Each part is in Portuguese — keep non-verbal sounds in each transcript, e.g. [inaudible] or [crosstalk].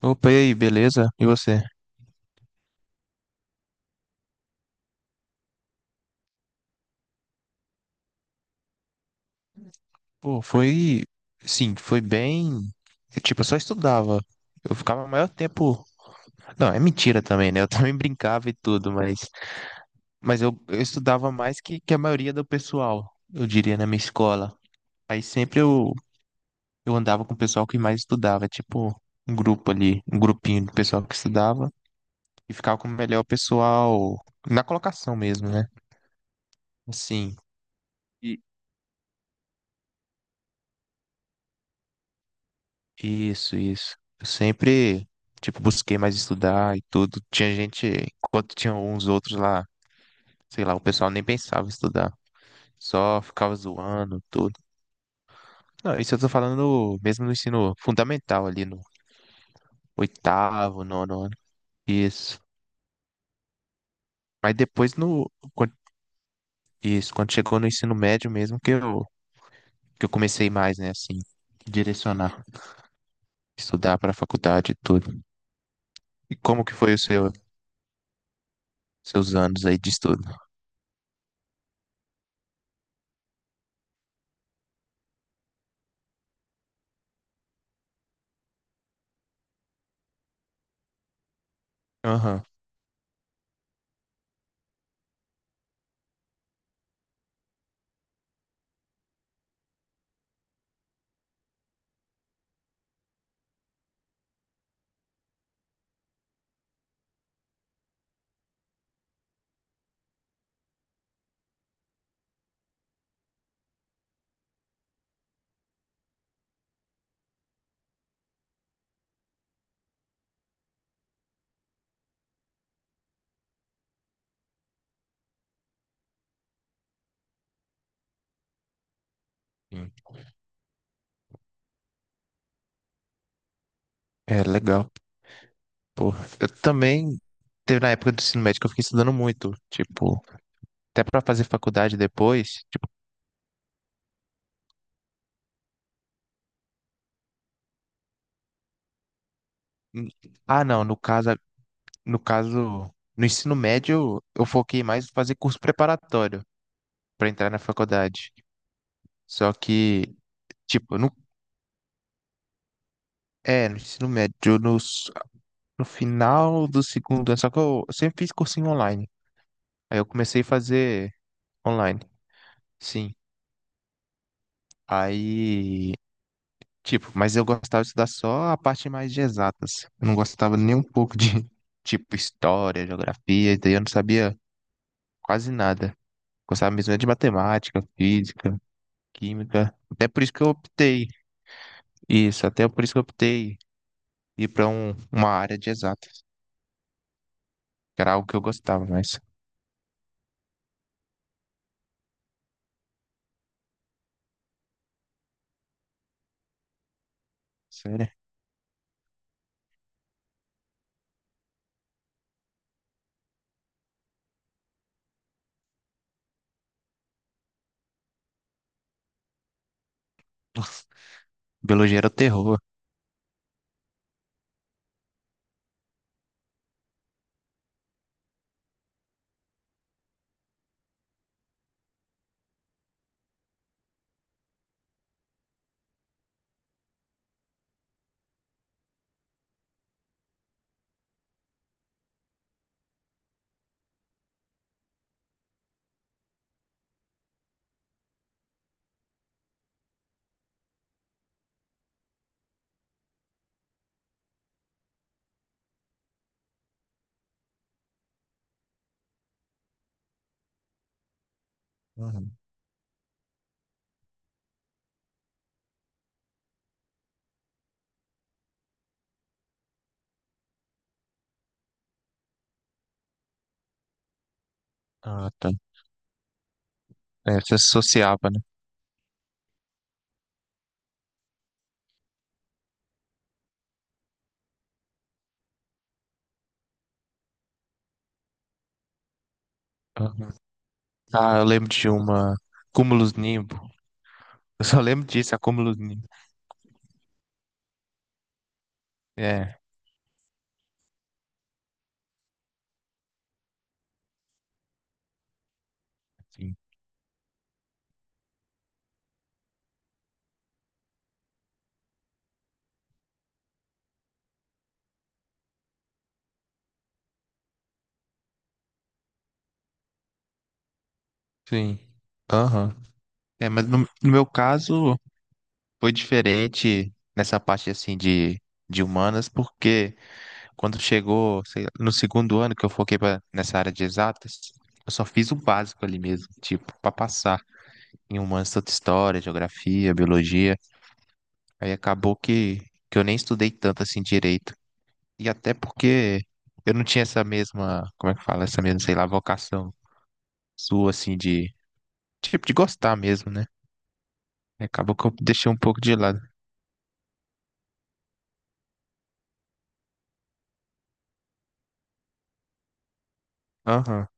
Opa, e aí, beleza? E você? Pô, foi. Sim, foi bem. Tipo, eu só estudava. Eu ficava o maior tempo. Não, é mentira também, né? Eu [laughs] também brincava e tudo, mas. Mas eu estudava mais que a maioria do pessoal, eu diria, na minha escola. Aí sempre eu andava com o pessoal que mais estudava, tipo, um grupo ali, um grupinho do pessoal que estudava. E ficava com o melhor pessoal na colocação mesmo, né? Assim. Isso, isso. Eu sempre, tipo, busquei mais estudar e tudo. Tinha gente, enquanto tinha uns outros lá, sei lá, o pessoal nem pensava em estudar. Só ficava zoando, tudo. Não, isso eu tô falando mesmo no ensino fundamental ali, no oitavo, nono ano. Isso. Mas depois no, quan- isso, quando chegou no ensino médio mesmo, que eu comecei mais, né, assim, direcionar, estudar pra faculdade e tudo. E como que foi seus anos aí de estudo? Aham. Sim. É legal. Pô, eu também teve na época do ensino médio que eu fiquei estudando muito, tipo, até pra fazer faculdade depois, tipo, hum, ah, não, no caso, no ensino médio eu foquei mais em fazer curso preparatório pra entrar na faculdade. Só que, tipo, no ensino médio, no final do segundo ano, só que eu sempre fiz cursinho online. Aí eu comecei a fazer online, sim. Aí tipo, mas eu gostava de estudar só a parte mais de exatas. Eu não gostava nem um pouco de, [laughs] tipo, história, geografia, e daí eu não sabia quase nada. Gostava mesmo era de matemática, física, química. Até por isso que eu optei. Isso, até por isso que eu optei ir pra uma área de exatas, que era algo que eu gostava, mas, sério, biologia era o terror. Uhum. Ah, tá. É, você associava, né? Uhum. Ah, eu lembro Cúmulos Nimbo. Eu só lembro disso, a Cúmulos Nimbo. É. Sim. Aham. É, mas no meu caso foi diferente nessa parte assim de humanas, porque quando chegou, sei lá, no segundo ano que eu foquei nessa área de exatas, eu só fiz o básico ali mesmo, tipo, para passar em humanas, tanto história, geografia, biologia. Aí acabou que eu nem estudei tanto assim direito. E até porque eu não tinha essa mesma, como é que fala, essa mesma, sei lá, vocação sua assim tipo, de gostar mesmo, né? Aí acabou que eu deixei um pouco de lado. Aham,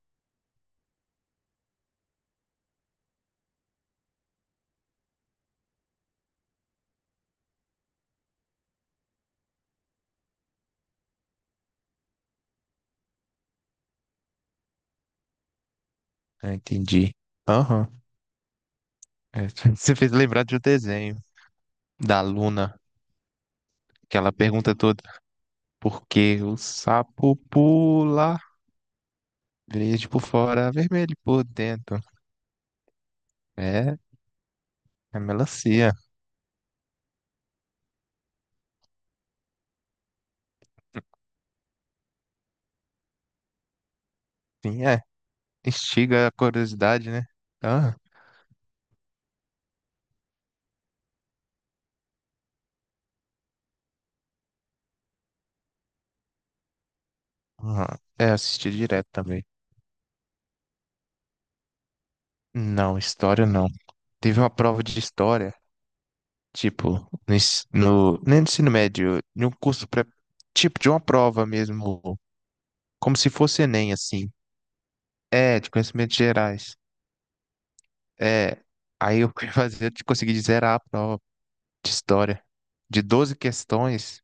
é, entendi. Aham. É, [laughs] você fez lembrar de um desenho da Luna, que ela pergunta toda, por que o sapo pula verde por fora, vermelho por dentro? É, é melancia. Sim, é. Instiga a curiosidade, né? Ah, aham. É, assisti direto também. Não, história não. Teve uma prova de história, tipo, nem no ensino médio, em um curso pré, tipo, de uma prova mesmo, como se fosse Enem, assim. É, de conhecimentos gerais. É, aí eu [laughs] eu consegui zerar a prova de história. De 12 questões,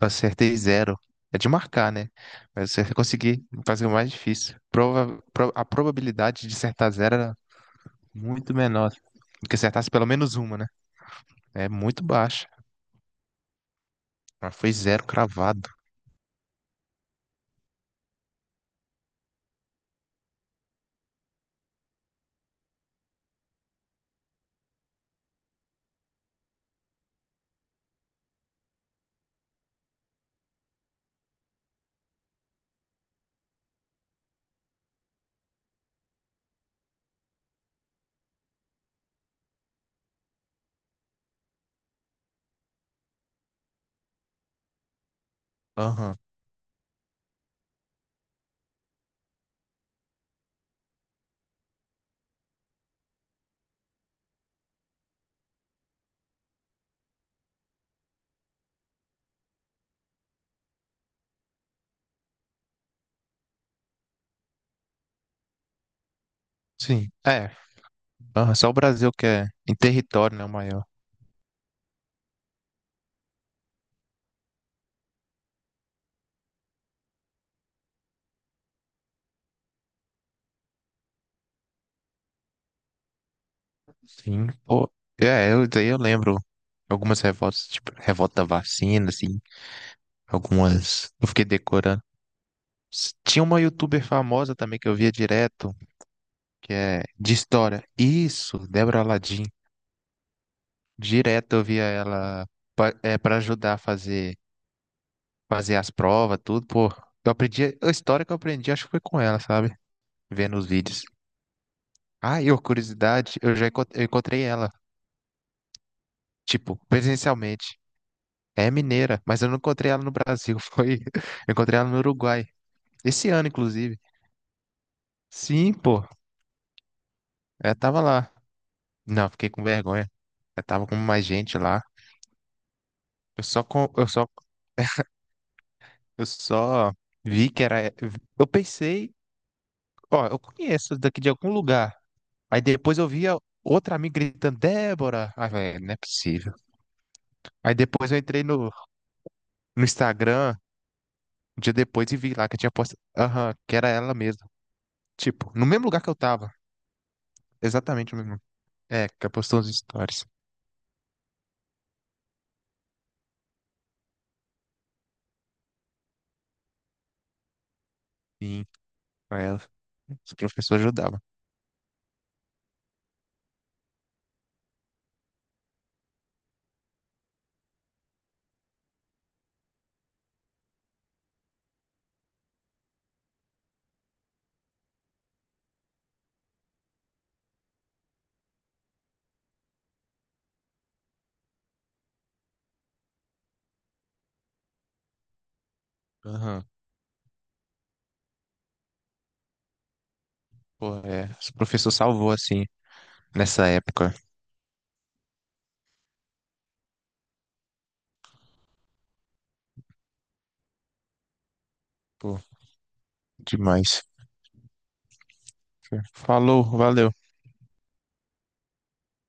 eu acertei zero. É de marcar, né? Mas eu consegui fazer o mais difícil. A probabilidade de acertar zero era muito menor do que acertasse pelo menos uma, né? É muito baixa. Mas foi zero cravado. Aham, sim. É, aham, só o Brasil que é em território, né, o maior. Sim, pô. É, daí eu lembro algumas revoltas, tipo, revolta da vacina, assim, algumas. Eu fiquei decorando. Tinha uma youtuber famosa também que eu via direto, que é de história. Isso, Débora Aladim. Direto eu via ela pra ajudar a fazer as provas, tudo, pô. A história que eu aprendi, acho que foi com ela, sabe? Vendo os vídeos. Ah, e a curiosidade, eu já encont- eu encontrei ela, tipo, presencialmente. É mineira, mas eu não encontrei ela no Brasil, [laughs] foi. Eu encontrei ela no Uruguai. Esse ano, inclusive. Sim, pô. Ela tava lá. Não, fiquei com vergonha. Ela tava com mais gente lá. Eu só, com... eu só, eu só vi que era. Eu pensei, ó, eu conheço daqui de algum lugar. Aí depois eu via outra amiga gritando, Débora. Ah, velho, não é possível. Aí depois eu entrei no Instagram, um dia depois, e vi lá que eu tinha postado. Aham, que era ela mesmo. Tipo, no mesmo lugar que eu tava. Exatamente no mesmo. É, que é postou os stories. Sim, com ela. Os professores ajudavam. Aham. Pô, é. Os professores salvou, assim, nessa época. Pô, demais. Falou, valeu.